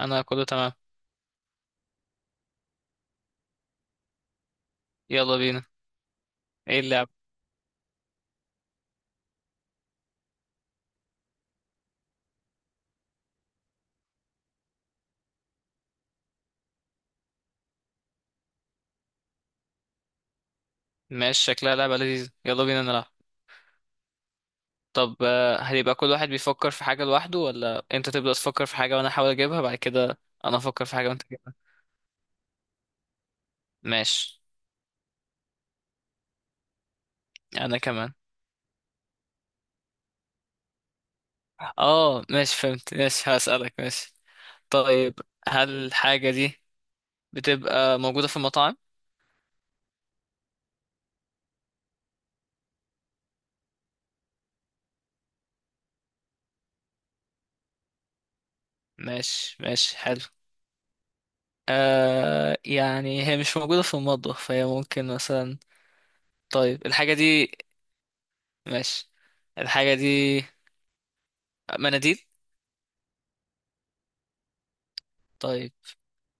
انا كله تمام. يلا بينا. ايه اللعب؟ ماشي، شكلها لعبة لذيذة، يلا بينا نلعب. طب هيبقى كل واحد بيفكر في حاجة لوحده ولا انت تبدأ تفكر في حاجة وانا احاول اجيبها بعد كده؟ انا افكر في حاجة وانت تجيبها. ماشي. انا كمان. اه، ماشي فهمت، ماشي هسألك، ماشي. طيب، هل الحاجة دي بتبقى موجودة في المطاعم؟ ماشي، ماشي، حلو. يعني هي مش موجودة في المطبخ، فهي ممكن مثلا. طيب الحاجة دي. ماشي. الحاجة دي مناديل؟ طيب.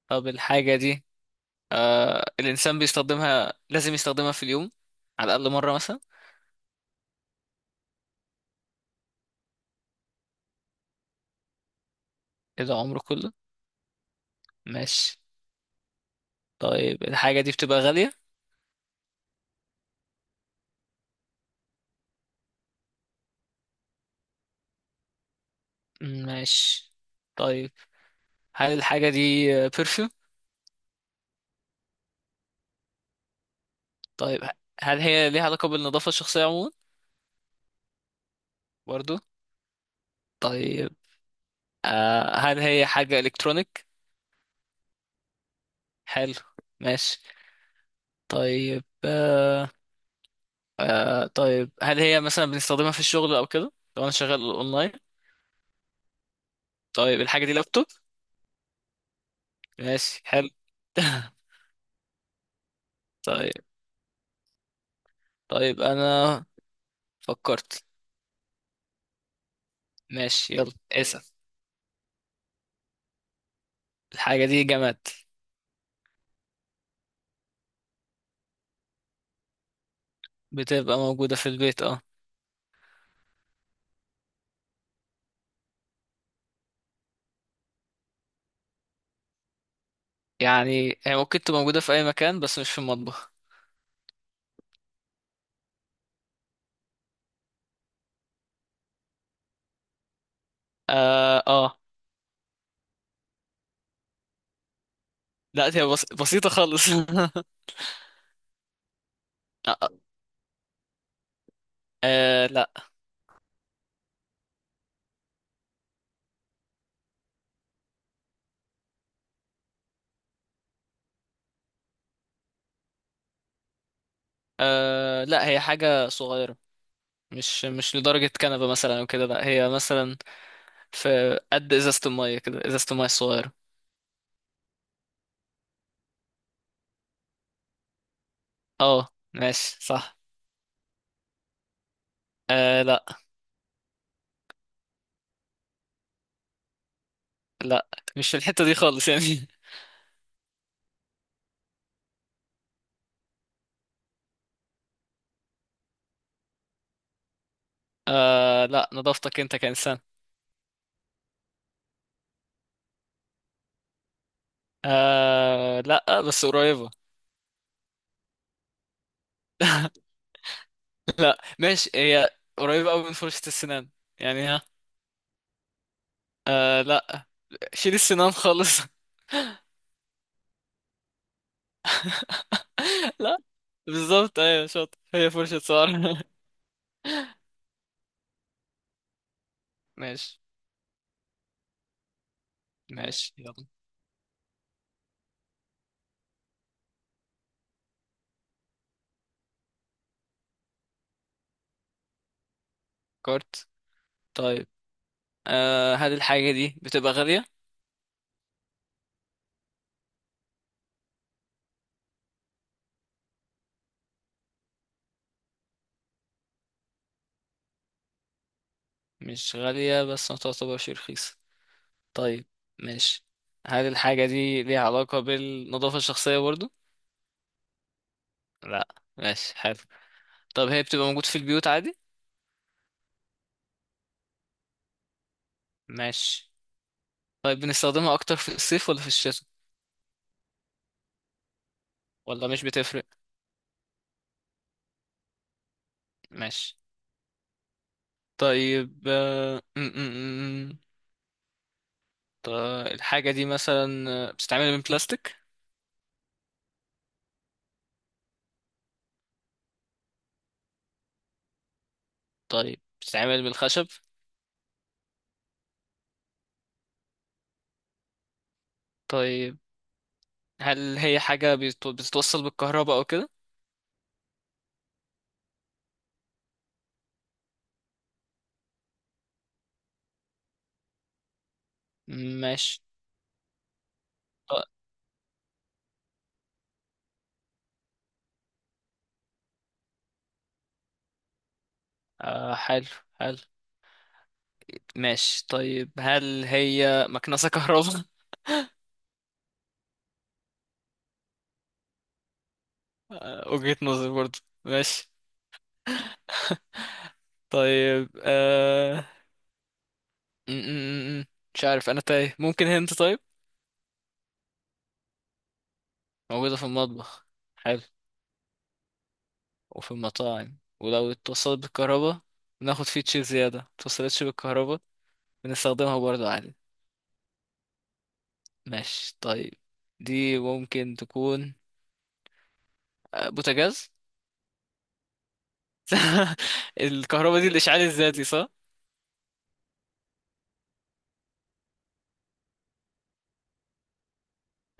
طب الحاجة دي، الإنسان بيستخدمها، لازم يستخدمها في اليوم على الأقل مرة مثلا. كده عمره كله؟ ماشي. طيب الحاجة دي بتبقى غالية. ماشي. طيب، هل الحاجة دي بيرفيوم؟ طيب، هل هي ليها علاقة بالنظافة الشخصية عموما؟ برضو. طيب، هل هي حاجة إلكترونيك؟ حلو. ماشي. طيب، طيب هل هي مثلا بنستخدمها في الشغل أو كده لو أنا شغال أونلاين؟ طيب الحاجة دي لابتوب؟ ماشي حلو. طيب، طيب انا فكرت. ماشي، يلا اسأل. الحاجة دي جماد. بتبقى موجودة في البيت، اه. يعني هي ممكن تبقى موجودة في اي مكان بس مش في المطبخ. اه، اه. لا هي بسيطة خالص. آه. آه لا. آه لا، هي حاجة صغيرة، مش لدرجة كنبة مثلا او كده، لا هي مثلا في قد ازازة المية كده، ازازة المية الصغيرة. اه، ماشي صح. آه لا. لا مش في الحتة دي خالص يعني. آه لا، نظافتك انت كإنسان. آه لا، بس قريبة. لا ماشي، هي قريبة قوي من فرشة السنان، يعني ها. آه لا، شيل السنان خالص. لا، بالظبط، ايوه شاطر، هي فرشة شعر. ماشي. ماشي، يلا. كارت. طيب، هل الحاجة دي بتبقى غالية؟ مش غالية بس ما تعتبرش رخيصة. طيب. ماشي. هل الحاجة دي ليها علاقة بالنظافة الشخصية برضو؟ لا. ماشي، حلو. طب هي بتبقى موجود في البيوت عادي؟ ماشي. طيب بنستخدمها اكتر في الصيف ولا في الشتاء ولا مش بتفرق؟ ماشي. طيب، طيب الحاجة دي مثلا، بتتعمل من بلاستيك؟ طيب بتتعمل من خشب؟ طيب هل هي حاجة بتتوصل بالكهرباء او كده؟ ماشي. طيب. حلو. حلو. ماشي، طيب هل هي مكنسة كهرباء؟ آه، وجهة نظر برضه. ماشي. طيب، آه... م- م- م- م. مش عارف، انا تايه، ممكن هنت طيب. موجودة في المطبخ. حلو. وفي المطاعم، ولو اتصلت بالكهرباء بناخد فيتشر زيادة، متصلتش بالكهرباء بنستخدمها برضه عادي. ماشي طيب. دي ممكن تكون، بوتاجاز. الكهرباء دي الإشعال الذاتي صح؟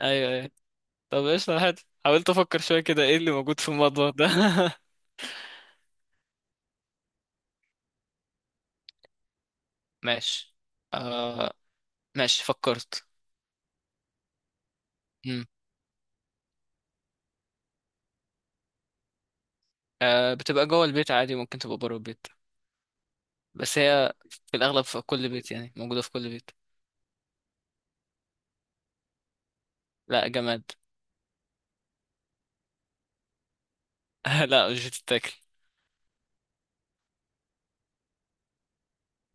أيوه، أيوه. طب إيش حلو، حاولت أفكر شوية كده، إيه اللي موجود في المطبخ ده. ماشي. آه. ماشي، فكرت. مم. بتبقى جوه البيت عادي، ممكن تبقى بره البيت، بس هي في الأغلب في كل بيت، يعني موجودة في كل بيت. لا، جماد. لا، مش بتتاكل.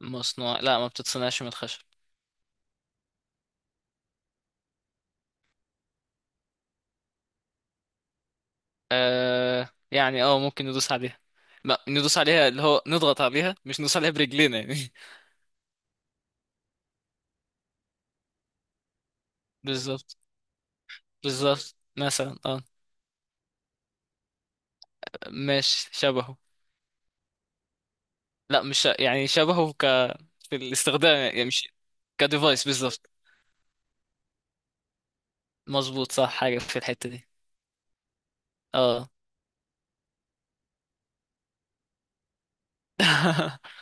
لا، ما بتتصنعش من الخشب. ممكن ندوس عليها، ما ندوس عليها اللي هو نضغط عليها، مش ندوس عليها برجلينا يعني. بالظبط. بالظبط مثلا، اه. ماشي، شبهه. لا، مش يعني شبهه في الاستخدام يعني مش. كديفايس، بالظبط. مظبوط، صح، حاجة في الحتة دي. اه.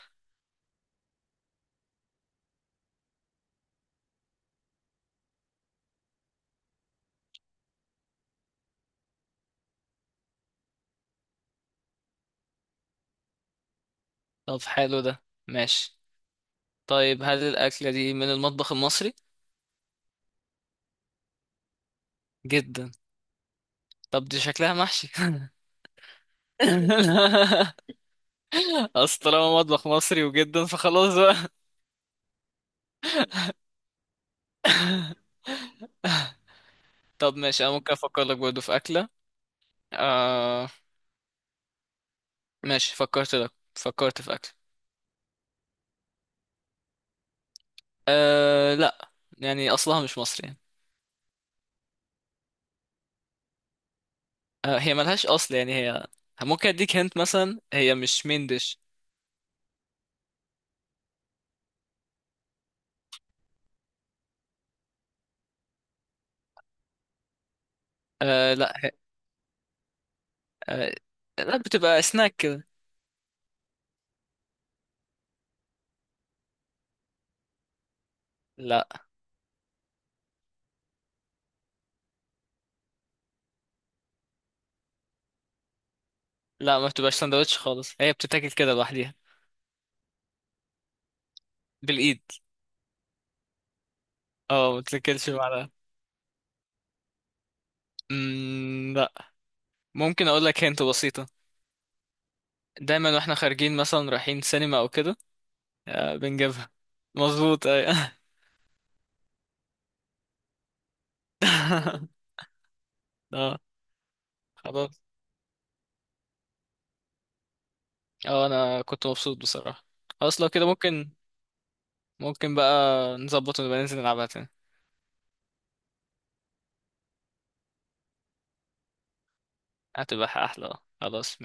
طب حلو ده. ماشي. طيب، هل الأكلة دي من المطبخ المصري؟ جدا. طب دي شكلها محشي. اصل طالما مطبخ مصري وجدا، فخلاص بقى. طب ماشي، انا ممكن افكر لك برضه في اكله. آه، ماشي، فكرت لك، فكرت في اكله. آه لا. يعني اصلها مش مصري يعني. آه، هي ملهاش اصل يعني، هي ممكن اديك هنت مثلا، هي مش مين ديش. آه لا، آه لا، بتبقى سناك كده. لا، لا، ما بتبقاش سندوتش خالص، هي بتتاكل كده لوحدها. بالايد. اه، ما بتتاكلش بعدها. امم، لا. ممكن اقول لك هنت بسيطه. دايما واحنا خارجين مثلا رايحين سينما او كده، بنجيبها. مظبوط، ايوه. اه، خلاص. اه، انا كنت مبسوط بصراحة. خلاص لو كده ممكن بقى نظبط ونبقى ننزل نلعبها تاني. هتبقى احلى، اه، خلاص ماشي.